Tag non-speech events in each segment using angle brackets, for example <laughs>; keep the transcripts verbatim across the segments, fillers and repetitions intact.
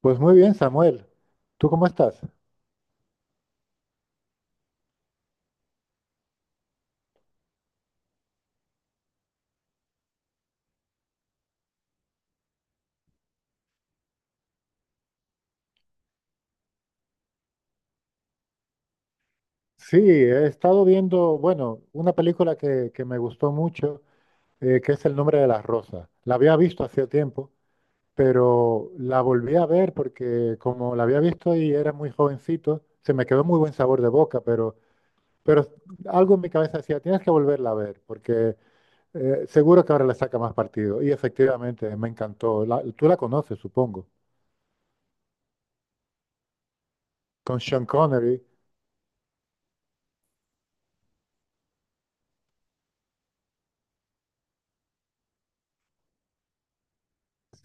Pues muy bien, Samuel. ¿Tú cómo estás? Sí, he estado viendo, bueno, una película que, que me gustó mucho, eh, que es El nombre de las rosas. La había visto hacía tiempo, pero la volví a ver porque como la había visto y era muy jovencito, se me quedó muy buen sabor de boca, pero, pero algo en mi cabeza decía, tienes que volverla a ver, porque eh, seguro que ahora le saca más partido. Y efectivamente, me encantó. La- tú la conoces, supongo. Con Sean Connery,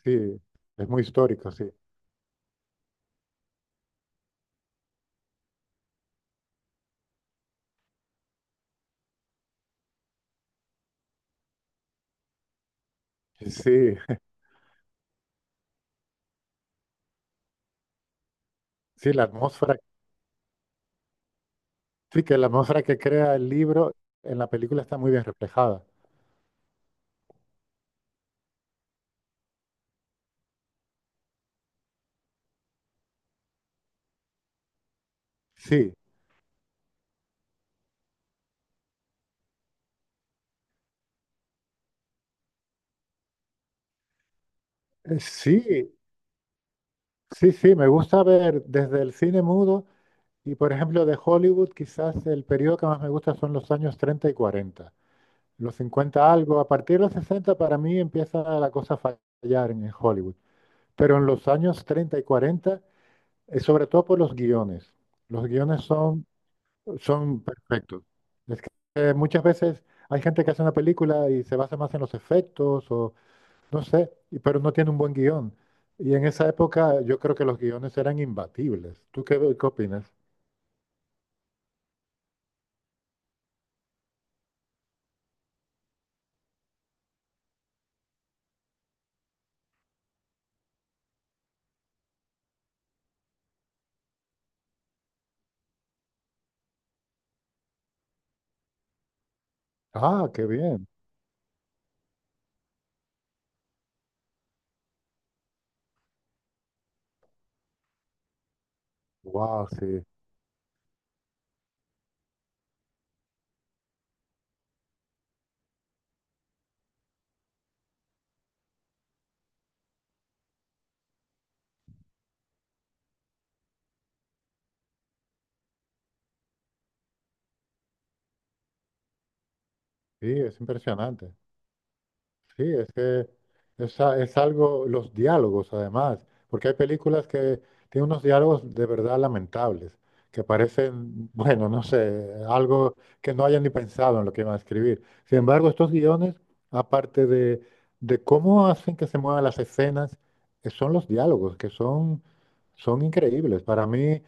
sí, es muy histórico, sí. Sí, <laughs> Sí, la atmósfera, sí, que la atmósfera que crea el libro en la película está muy bien reflejada. Sí, eh, sí, sí, sí, me gusta ver desde el cine mudo y, por ejemplo, de Hollywood, quizás el periodo que más me gusta son los años treinta y cuarenta. Los cincuenta algo, a partir de los sesenta para mí empieza la cosa a fallar en, en Hollywood. Pero en los años treinta y cuarenta, eh, sobre todo por los guiones. Los guiones son Son perfectos. Es que eh, muchas veces hay gente que hace una película y se basa más en los efectos o no sé, y- pero no tiene un buen guión. Y en esa época yo creo que los guiones eran imbatibles. ¿Tú qué, qué opinas? Ah, qué bien. Wow, sí. Sí, es impresionante. Sí, es que es, a- es algo, los diálogos además, porque hay películas que tienen unos diálogos de verdad lamentables, que parecen, bueno, no sé, algo que no hayan ni pensado en lo que iban a escribir. Sin embargo, estos guiones, aparte de, de cómo hacen que se muevan las escenas, eh, son los diálogos, que son, son increíbles. Para mí,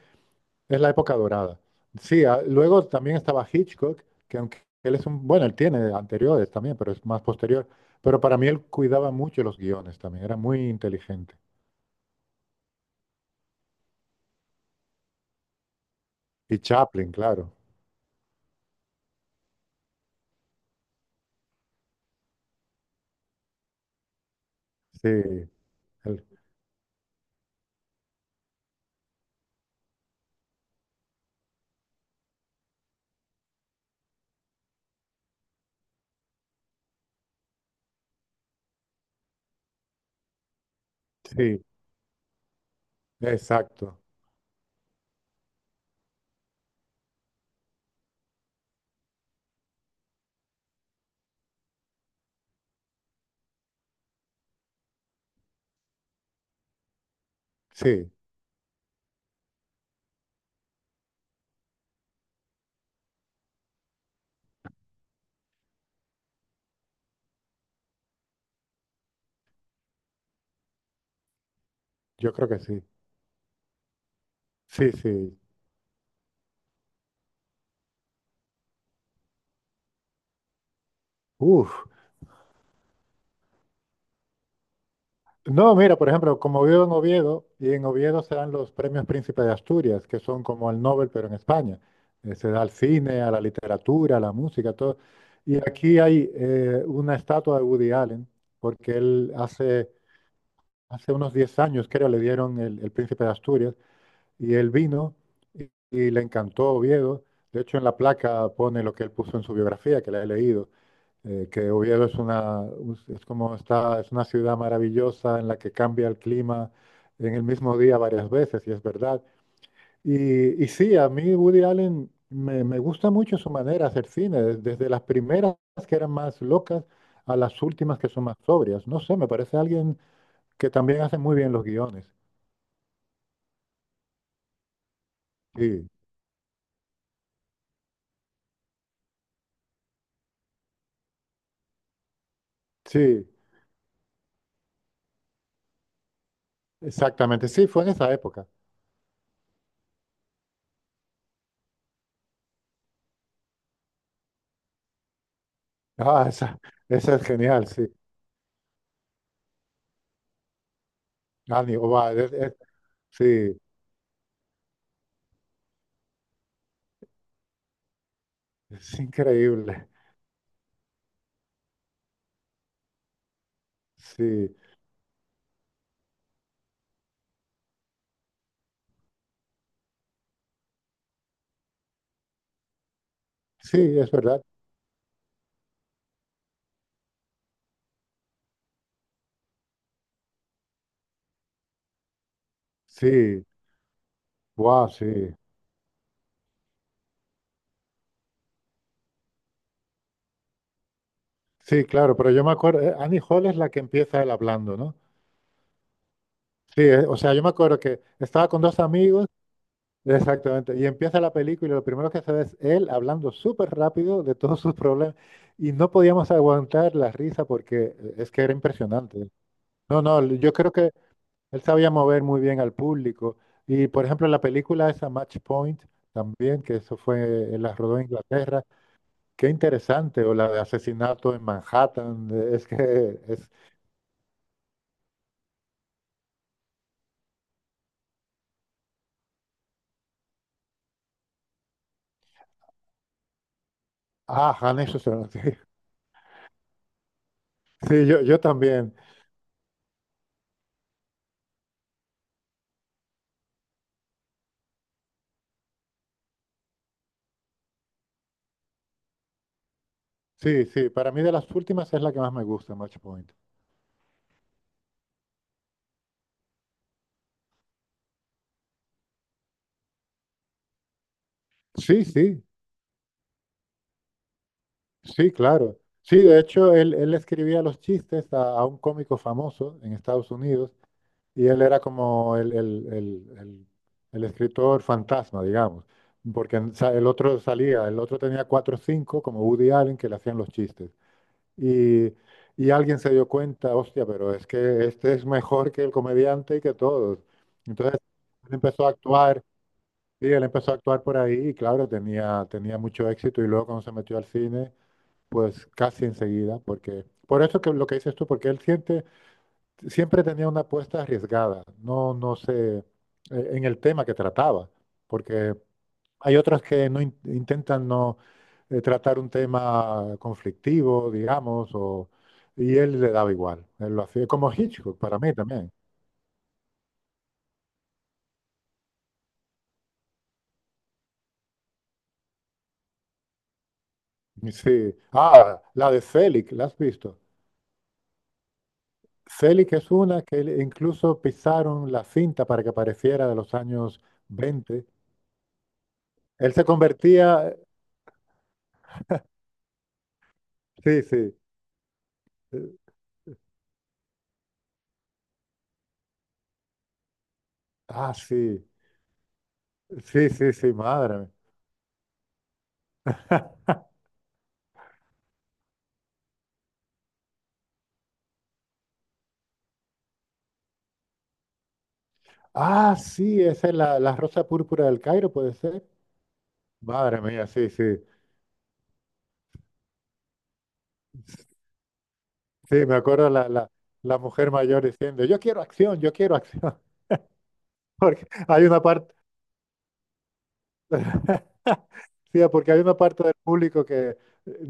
es la época dorada. Sí, ah, luego también estaba Hitchcock, que aunque él es un, bueno, él tiene anteriores también, pero es más posterior. Pero para mí él cuidaba mucho los guiones también, era muy inteligente. Y Chaplin, claro. Sí, él- sí, exacto. Sí, yo creo que sí. Sí, sí. Uf. No, mira, por ejemplo, como vivo en Oviedo, y en Oviedo se dan los premios Príncipe de Asturias, que son como el Nobel, pero en España. Eh, se da al cine, a la literatura, a la música, todo. Y aquí hay eh, una estatua de Woody Allen, porque él hace, hace unos diez años, creo, le dieron el, el Príncipe de Asturias, y él vino y, y le encantó Oviedo. De hecho, en la placa pone lo que él puso en su biografía, que la he leído, eh, que Oviedo es una, un- es como está, es una ciudad maravillosa en la que cambia el clima en el mismo día varias veces, y es verdad. Y, y sí, a mí Woody Allen me, me gusta mucho su manera de hacer cine, des- desde las primeras que eran más locas a las últimas que son más sobrias. No sé, me parece alguien que también hace muy bien los guiones. Sí, sí, exactamente. Sí, fue en esa época. Ah, esa, esa es genial, sí. Ani, guau, es- es- Sí, es increíble. Sí, sí, es verdad. Sí, wow, sí. Sí, claro, pero yo me acuerdo, eh, Annie Hall es la que empieza él hablando, ¿no? Sí, eh, o sea, yo me acuerdo que estaba con dos amigos, exactamente, y empieza la película y lo primero que se ve es él hablando súper rápido de todos sus problemas y no podíamos aguantar la risa porque eh, es que era impresionante. No, no, l- yo creo que él sabía mover muy bien al público y, por ejemplo, la película esa Match Point también, que eso fue, él la rodó en Inglaterra. Qué interesante, o la de asesinato en Manhattan, eh, es que <laughs> es... Ah, han hecho eso, <laughs> sí. Sí, yo, yo también. Sí, sí, para mí de las últimas es la que más me gusta, Match Point. Sí, sí, sí, claro. Sí, de hecho, él, él escribía los chistes a, a un cómico famoso en Estados Unidos y él era como el, el, el, el- el escritor fantasma, digamos, porque en- sa- el otro salía, el otro tenía cuatro o cinco, como Woody Allen, que le hacían los chistes. Y, y alguien se dio cuenta, hostia, pero es que este es mejor que el comediante y que todos. Entonces, él empezó a actuar, y él empezó a actuar por ahí y claro, tenía, tenía mucho éxito y luego cuando se metió al cine, pues casi enseguida, porque por eso que lo que dices tú, porque él siente, siempre tenía una apuesta arriesgada, no, no sé, eh, en el tema que trataba, porque hay otras que no in- intentan no eh, tratar un tema conflictivo, digamos, o, y él le daba igual. Él lo hacía como Hitchcock para mí también. Sí. Ah, la de Selig, ¿la has visto? Selig es una que él- incluso pisaron la cinta para que pareciera de los años veinte. Él se convertía, sí, sí, eh, ah, sí, sí, sí, sí, madre mía. Ah, sí, esa es la, la rosa púrpura del Cairo, puede ser. Madre mía, sí, sí. Sí, me acuerdo la, la, la mujer mayor diciendo, yo quiero acción, yo quiero acción. <laughs> Porque hay una parte, <laughs> sí, porque hay una parte del público que eh,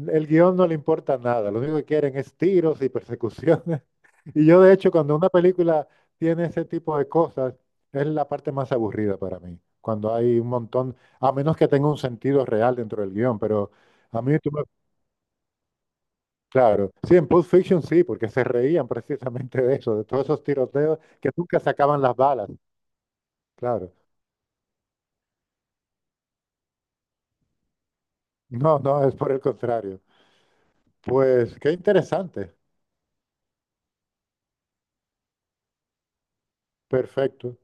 el guión no le importa nada, lo único que quieren es tiros y persecuciones. <laughs> Y yo, de hecho, cuando una película tiene ese tipo de cosas, es la parte más aburrida para mí. Cuando hay un montón, a menos que tenga un sentido real dentro del guión, pero a mí tú me Claro, sí, en Pulp Fiction sí, porque se reían precisamente de eso, de todos esos tiroteos que nunca sacaban las balas. Claro, no, no, es por el contrario. Pues qué interesante, perfecto,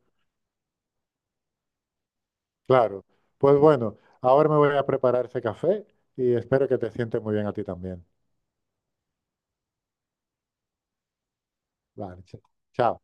claro. Pues bueno, ahora me voy a preparar ese café y espero que te sientes muy bien a ti también. Vale, ch- chao.